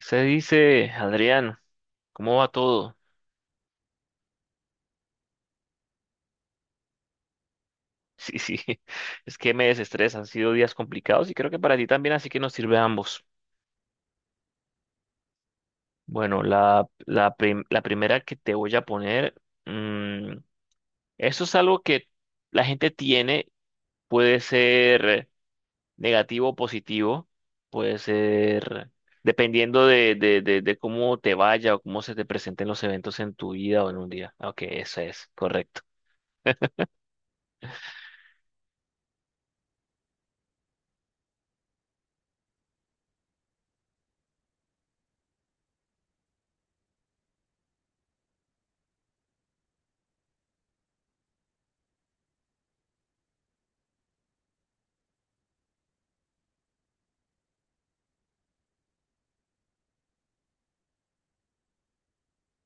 Se dice, Adrián, ¿cómo va todo? Sí, sí, es que me desestresa, han sido días complicados y creo que para ti también, así que nos sirve a ambos. Bueno, la primera que te voy a poner, mm, eso es algo que la gente tiene, puede ser negativo o positivo, puede ser dependiendo de cómo te vaya o cómo se te presenten los eventos en tu vida o en un día. Ok, eso es, correcto.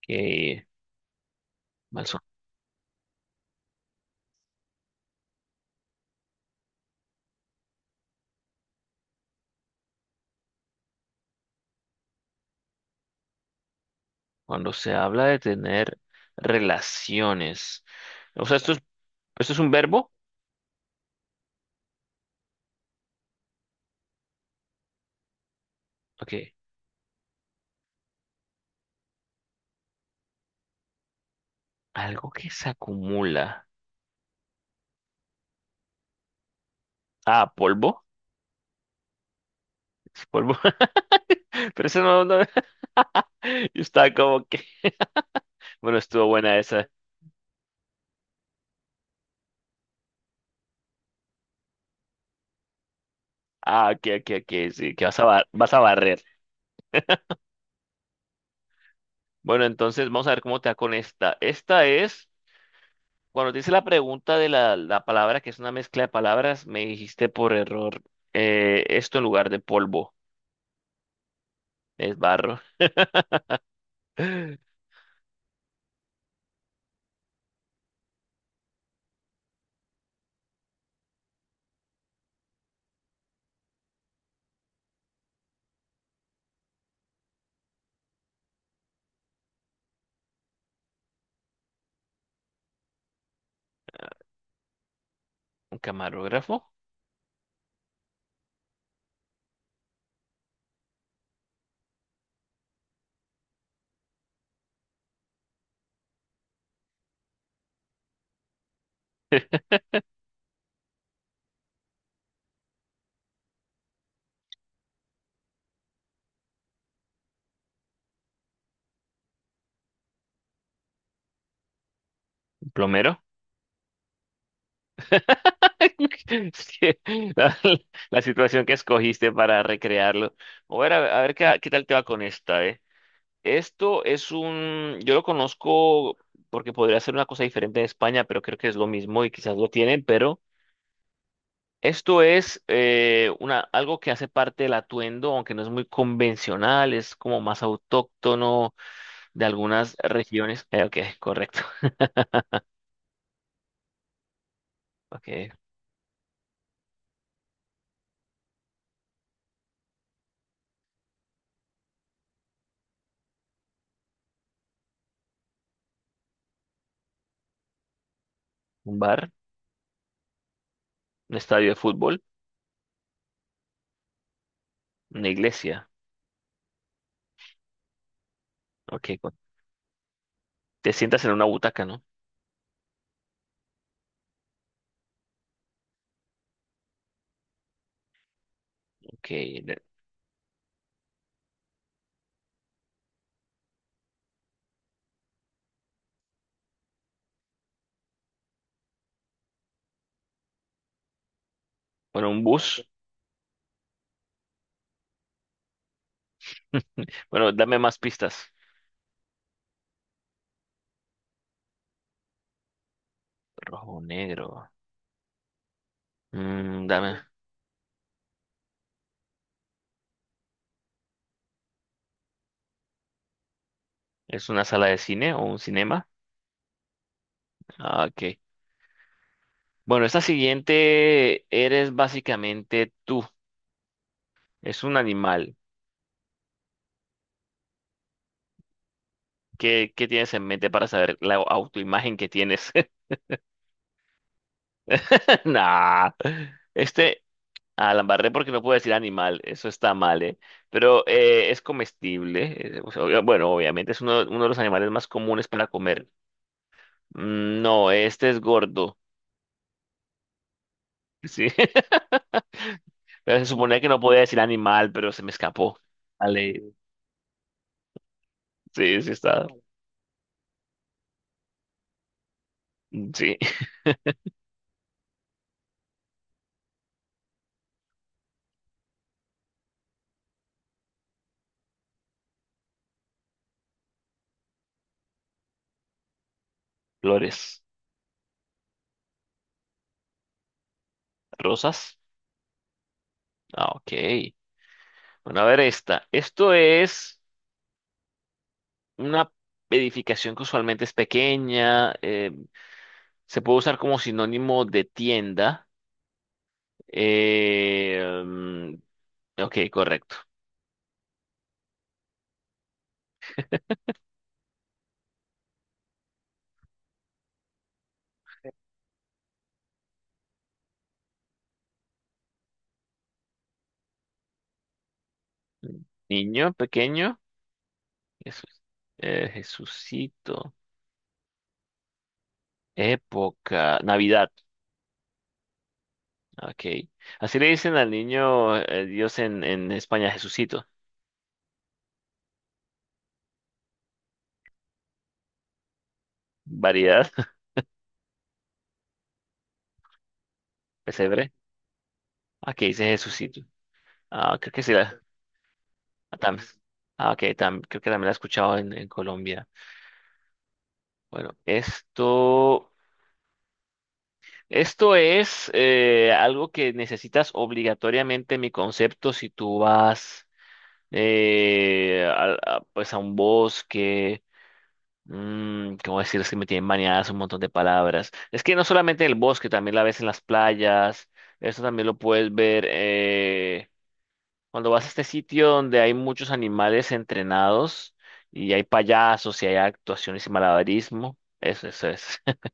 Qué mal. Cuando se habla de tener relaciones. O sea, esto es un verbo. Ok. Algo que se acumula. Ah, polvo. Es polvo. Pero eso no, no. Yo estaba como que. Bueno, estuvo buena esa. Ah, ok, ok, ok. Sí, que vas a, vas a barrer. Bueno, entonces vamos a ver cómo te va con esta. Esta es. Cuando te hice la pregunta de la palabra, que es una mezcla de palabras, me dijiste por error esto en lugar de polvo. Es barro. Un camarógrafo. Plomero. Sí, La, la situación que escogiste para recrearlo. A ver qué, qué tal te va con esta, ¿eh? Esto es un, yo lo conozco porque podría ser una cosa diferente en España, pero creo que es lo mismo y quizás lo tienen, pero esto es una, algo que hace parte del atuendo, aunque no es muy convencional, es como más autóctono de algunas regiones. Ok, correcto. Ok, un bar, un estadio de fútbol. Una iglesia. Ok, te sientas en una butaca, ¿no? Ok, de- bueno, un bus. Bueno, dame más pistas. Rojo, negro. Mm, dame. ¿Es una sala de cine o un cinema? Ah, ok. Bueno, esta siguiente eres básicamente tú. Es un animal. ¿Qué, qué tienes en mente para saber la autoimagen que tienes? Nah. Este, ah, la embarré porque no puedo decir animal, eso está mal, ¿eh? Pero es comestible, o sea, bueno, obviamente es uno, uno de los animales más comunes para comer. No, este es gordo, sí. Pero se suponía que no podía decir animal, pero se me escapó. Vale, sí, sí está. Sí, flores, rosas. Ah, ok. Bueno, a ver esta. Esto es una edificación que usualmente es pequeña, se puede usar como sinónimo de tienda. Eh, mm, ok, correcto. Niño pequeño, Jesús, Jesucito. Época, Navidad. Ok. Así le dicen al niño Dios en España, Jesucito. Variedad, pesebre. Aquí dice Jesucito. Ah, creo que sí la. ah, tam- ok, creo que también la he escuchado en Colombia. Bueno, esto. Esto es algo que necesitas obligatoriamente mi concepto si tú vas. Pues a un bosque. ¿Cómo decir? Es que me tienen maniadas un montón de palabras. Es que no solamente en el bosque, también la ves en las playas. Eso también lo puedes ver cuando vas a este sitio donde hay muchos animales entrenados y hay payasos y hay actuaciones y malabarismo. Eso es.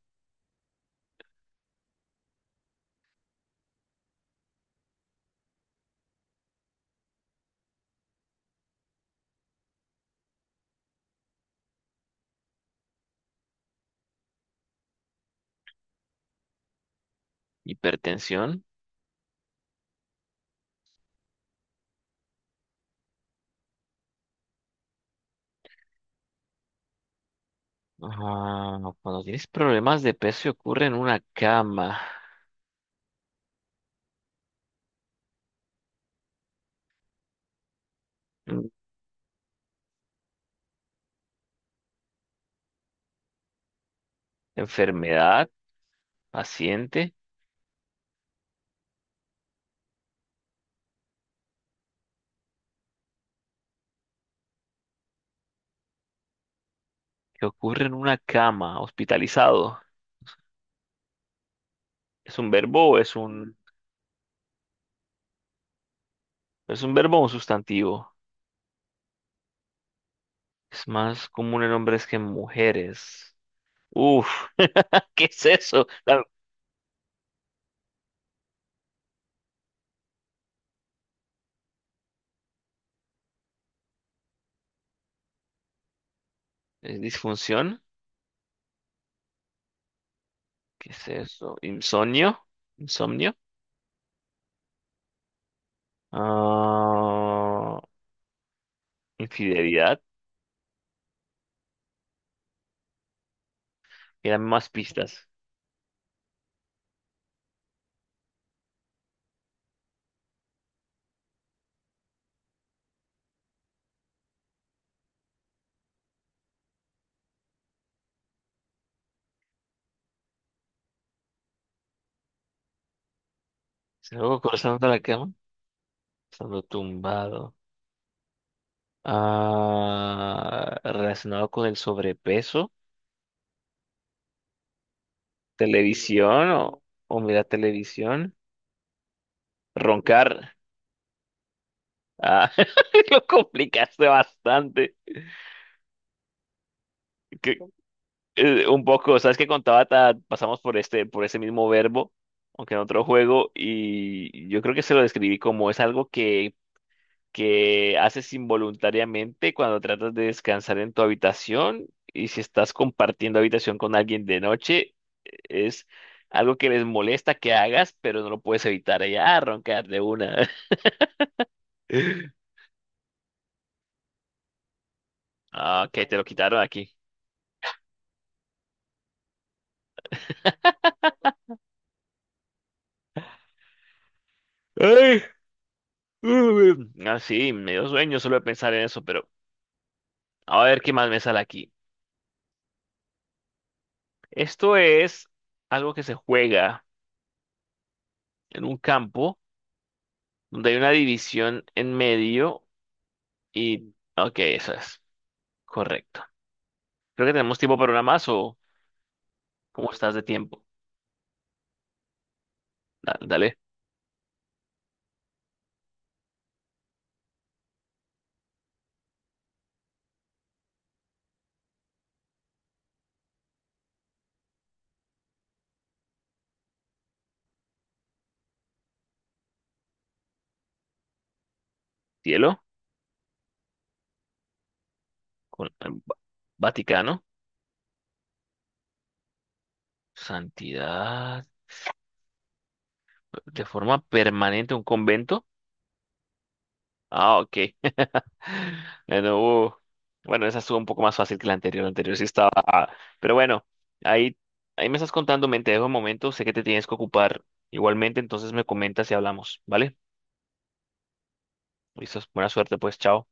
Hipertensión. Ah, cuando tienes problemas de peso y ocurre en una cama. Mm. Enfermedad, paciente. Que ocurre en una cama, hospitalizado. ¿Es un verbo o es un verbo o un sustantivo? Es más común en hombres que en mujeres. Uf, ¿qué es eso? ¿Es disfunción? ¿Qué es eso? ¿Insomnio? ¿Insomnio? Ah, infidelidad. Y dame más pistas. ¿Se luego cruzando la cama? Estando tumbado. Ah, relacionado con el sobrepeso. ¿Televisión o mira televisión? Roncar. Ah, lo complicaste bastante. Que, un poco, ¿sabes qué contaba? Pasamos por este, por ese mismo verbo, aunque en otro juego, y yo creo que se lo describí como es algo que haces involuntariamente cuando tratas de descansar en tu habitación, y si estás compartiendo habitación con alguien de noche, es algo que les molesta que hagas, pero no lo puedes evitar. Ella, ah, roncar de una. Ah, ok, te lo quitaron aquí. Uy, ah, sí, me dio sueño solo de pensar en eso, pero a ver qué más me sale aquí. Esto es algo que se juega en un campo donde hay una división en medio y... Ok, eso es correcto. Creo que tenemos tiempo para una más o cómo estás de tiempo. Dale, cielo, con Vaticano, santidad, de forma permanente un convento. Ah, ok. Bueno, bueno, esa estuvo un poco más fácil que la anterior. La anterior sí estaba... Pero bueno, ahí, ahí me estás contando, me te dejo un momento, sé que te tienes que ocupar igualmente, entonces me comentas y hablamos, ¿vale? Listo, buena suerte, pues, chao.